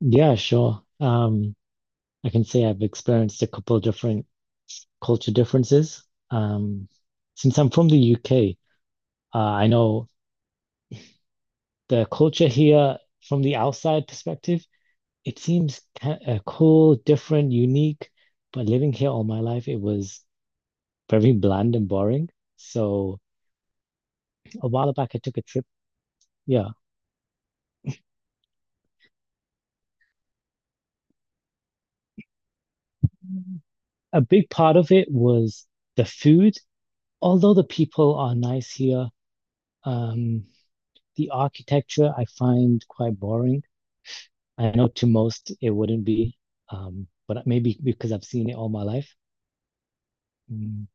Yeah, sure. I can say I've experienced a couple of different culture differences. Um, since I'm from the UK, I know the culture here from the outside perspective, it seems ki cool, different, unique, but living here all my life, it was very bland and boring. So a while back, I took a trip. Yeah. A big part of it was the food. Although the people are nice here, um, the architecture I find quite boring. I know to most it wouldn't be, but maybe because I've seen it all my life. Mm,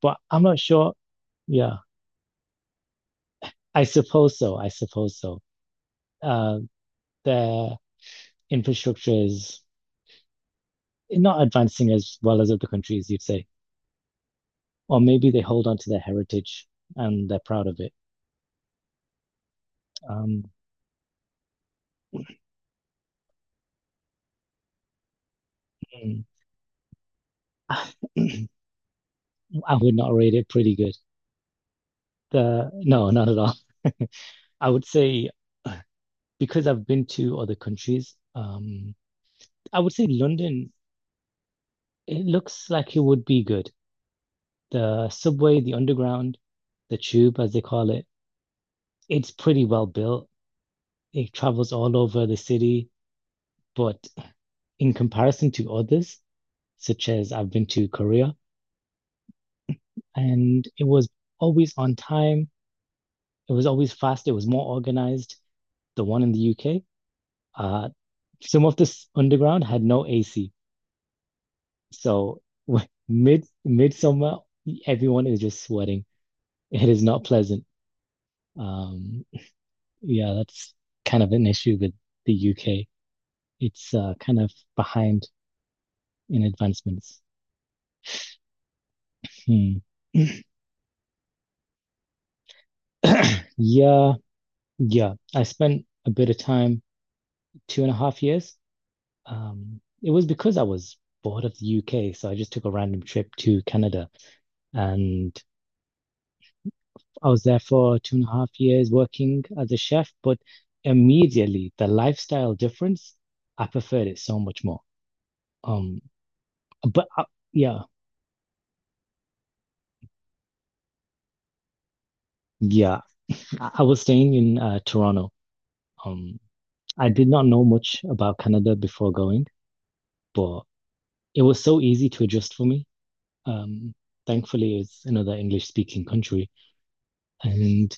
But I'm not sure. Yeah, I suppose so. I suppose so. Uh, their infrastructure is not advancing as well as other countries, you'd say. Or maybe they hold on to their heritage and they're proud of it. Um, I would not rate it pretty good. No, not at all. I would say because I've been to other countries, I would say London, it looks like it would be good. The subway, the underground, the tube, as they call it, it's pretty well built. It travels all over the city, but in comparison to others, such as I've been to Korea, and it was always on time. It was always fast. It was more organized. The one in the UK, uh, some of this underground had no AC. So mid midsummer, everyone is just sweating. It is not pleasant. Um, yeah, that's kind of an issue with the UK. It's kind of behind in advancements. Hmm. Yeah, yeah. I spent a bit of time, two and a half years. It was because I was bored of the UK, so I just took a random trip to Canada, and I was there for two and a half years working as a chef. But immediately, the lifestyle difference, I preferred it so much more. Um, but I, yeah. Yeah, I was staying in Toronto. Um, I did not know much about Canada before going, but it was so easy to adjust for me. Um, Thankfully, it's another English speaking country. And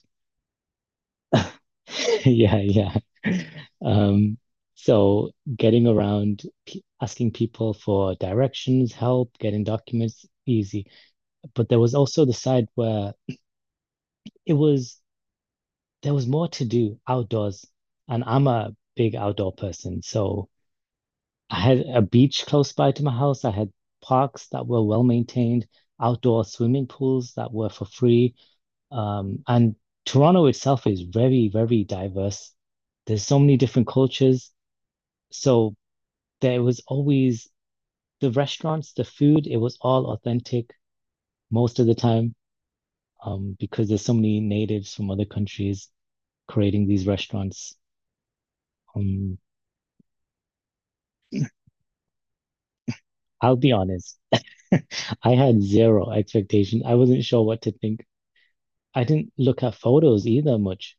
yeah, yeah. Um, so getting around, p asking people for directions, help, getting documents, easy. But there was also the side where it was, there was more to do outdoors. And I'm a big outdoor person. So I had a beach close by to my house. I had parks that were well maintained, outdoor swimming pools that were for free. And Toronto itself is very, very diverse. There's so many different cultures. So there was always the restaurants, the food, it was all authentic most of the time, because there's so many natives from other countries creating these restaurants. Um, I'll be honest, I had zero expectation. I wasn't sure what to think. I didn't look at photos either much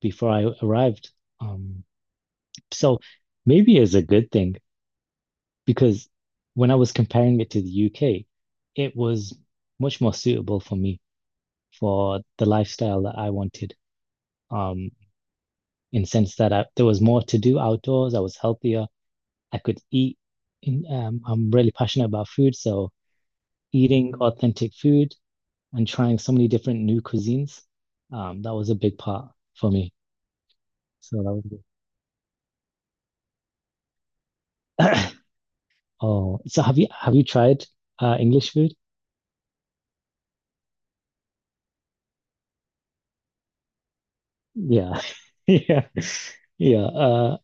before I arrived. Um, so maybe it's a good thing because when I was comparing it to the UK, it was much more suitable for me for the lifestyle that I wanted. Um, in sense there was more to do outdoors, I was healthier, I could eat. I'm really passionate about food, so eating authentic food and trying so many different new cuisines, that was a big part for me. So that was good. Oh, so have you tried English food? Yeah, yeah, yeah.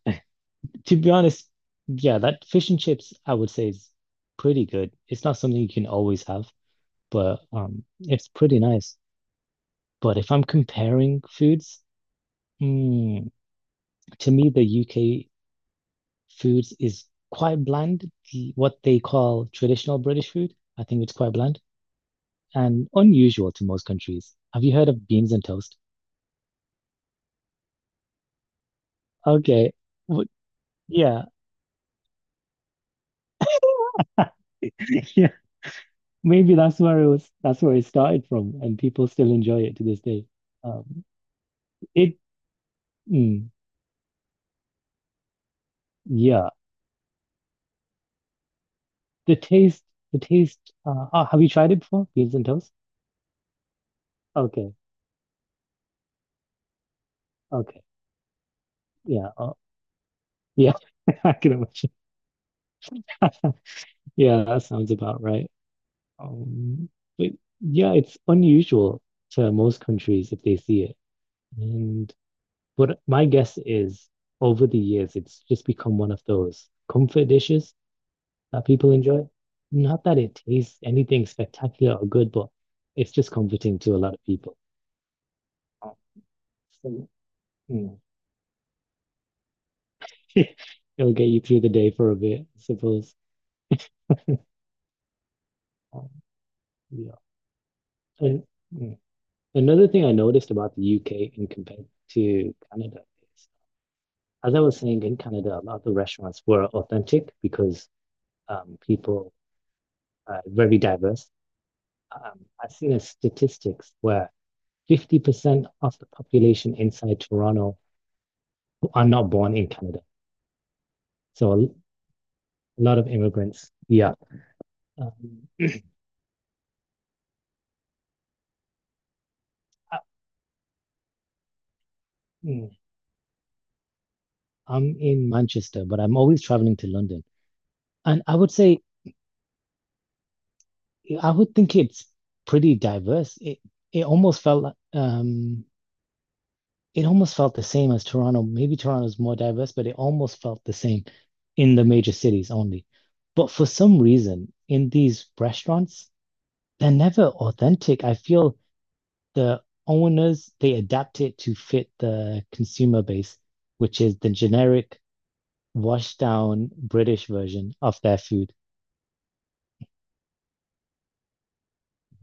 To be honest, yeah, that fish and chips I would say is pretty good. It's not something you can always have, but it's pretty nice. But if I'm comparing foods, mm, to me the UK foods is quite bland. What they call traditional British food, I think it's quite bland and unusual to most countries. Have you heard of beans and toast? Okay. w- Yeah, yeah, maybe that's where it was, that's where it started from, and people still enjoy it to this day. Um, it, mm, yeah, the taste, the taste. Have you tried it before? Beans and toast? Okay, okay, yeah, yeah, I can imagine. Yeah, that sounds about right. Um, but yeah, it's unusual to most countries if they see it. And but my guess is over the years, it's just become one of those comfort dishes that people enjoy. Not that it tastes anything spectacular or good, but it's just comforting to a lot of people. Um, So, mm, it'll get you through the day for a bit, I suppose. Um, yeah. And mm, another thing I noticed about the UK in compared to Canada is, as I was saying, in Canada, a lot of the restaurants were authentic because people are very diverse. I've seen a statistics where 50% of the population inside Toronto are not born in Canada. So a lot of immigrants. Yeah. Um, I, mm, I'm in Manchester, but I'm always traveling to London. And I would say, I would think it's pretty diverse. It almost felt like, it almost felt the same as Toronto. Maybe Toronto's more diverse, but it almost felt the same in the major cities only. But for some reason, in these restaurants, they're never authentic. I feel the owners they adapt it to fit the consumer base, which is the generic washed down British version of their food.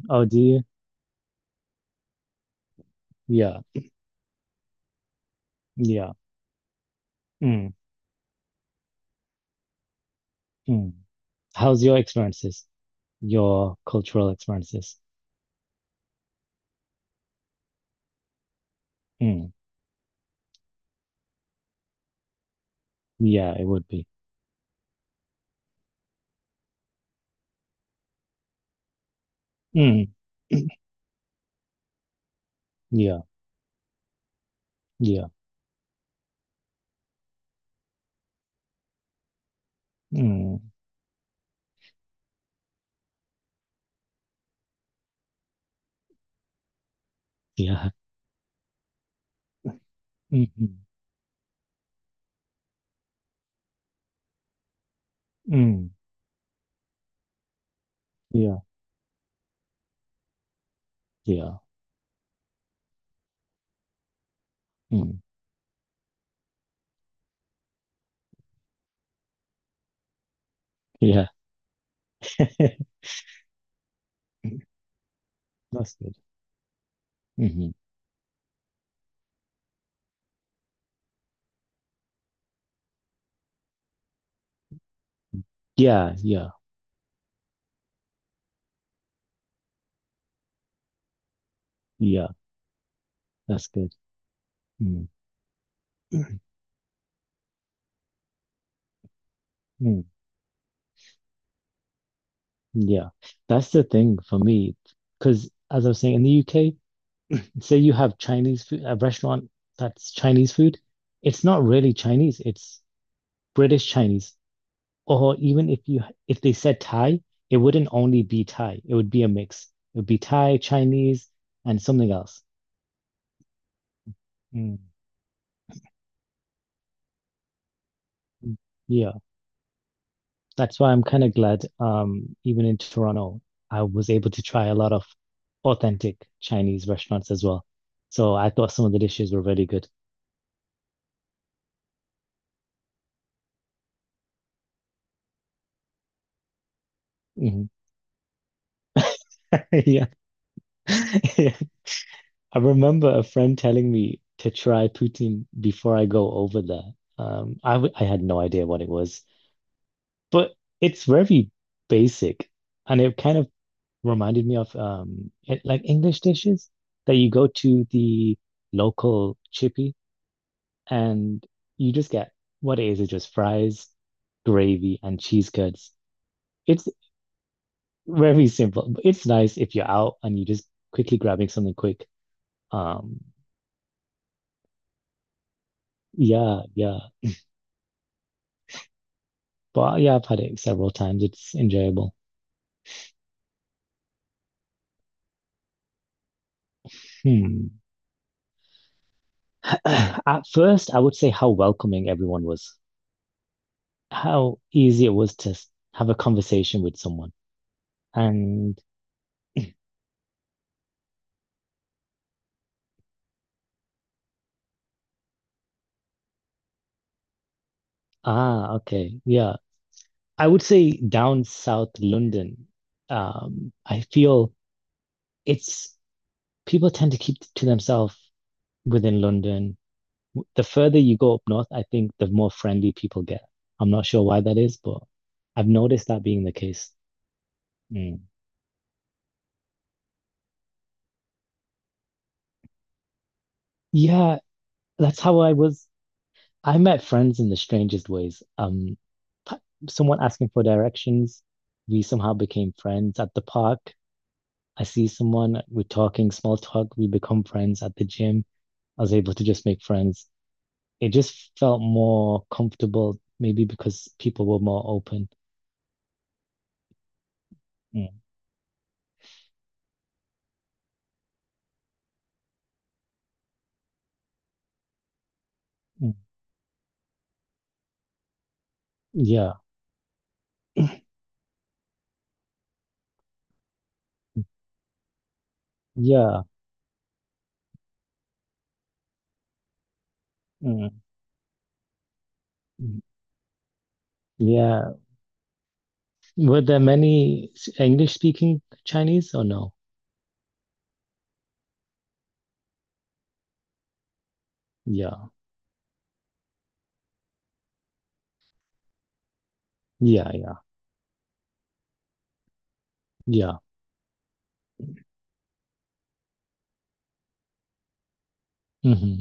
Oh, do you? Yeah, yeah. Mm, mm. How's your experiences? Your cultural experiences? Mm, yeah, it would be. Mm, yeah, yeah. Mm, yeah. Mm, mm, yeah, yeah. Mm, yeah. That's good. Hmm. Yeah, yeah, yeah. That's good. Mm, mm. Yeah, that's the thing for me. Because as I was saying, in the UK, say you have Chinese food, a restaurant that's Chinese food, it's not really Chinese, it's British Chinese. Or even if you if they said Thai, it wouldn't only be Thai, it would be a mix. It would be Thai, Chinese, and something else. Mm. Yeah, that's why I'm kind of glad, even in Toronto, I was able to try a lot of authentic Chinese restaurants as well. So I thought some of the dishes were really good. Mm-hmm. Yeah. Yeah. I remember a friend telling me to try poutine before I go over there. I had no idea what it was, but it's very basic, and it kind of reminded me of like English dishes that you go to the local chippy and you just get what it is. It's just fries, gravy, and cheese curds. It's very simple. But It's nice if you're out and you're just quickly grabbing something quick. Um, Yeah, yeah. But yeah, I've had it several times. It's enjoyable. Hmm. At first, I would say how welcoming everyone was, how easy it was to have a conversation with someone. And ah, okay, yeah. I would say down south London, I feel it's people tend to keep to themselves within London. The further you go up north, I think the more friendly people get. I'm not sure why that is, but I've noticed that being the case. Mm. Yeah, that's how I was. I met friends in the strangest ways. P- Someone asking for directions, we somehow became friends at the park. I see someone, we're talking small talk, we become friends at the gym. I was able to just make friends. It just felt more comfortable, maybe because people were more open. Mm, mm. Yeah, yeah, mm, mm, yeah. Were there many English speaking Chinese or no? Yeah, yeah, yeah, yeah. Hmm.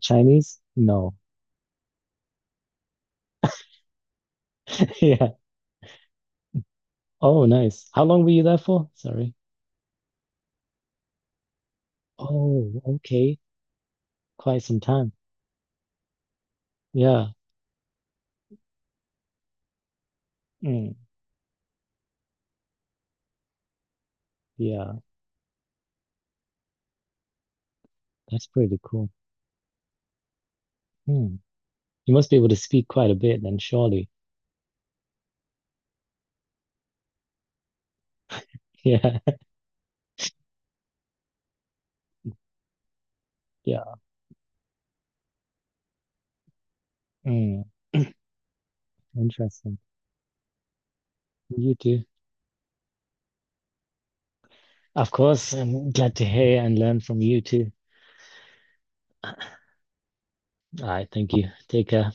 Chinese? No. Yeah. Oh, nice. How long were you there for? Sorry. Oh, okay. Quite some time. Yeah. Mm, yeah. That's pretty cool. Hmm. You must be able to speak quite a bit then, surely. Yeah. Yeah. Mm, interesting. You too. Of course, I'm glad to hear and learn from you too. All right. Thank you. Take care.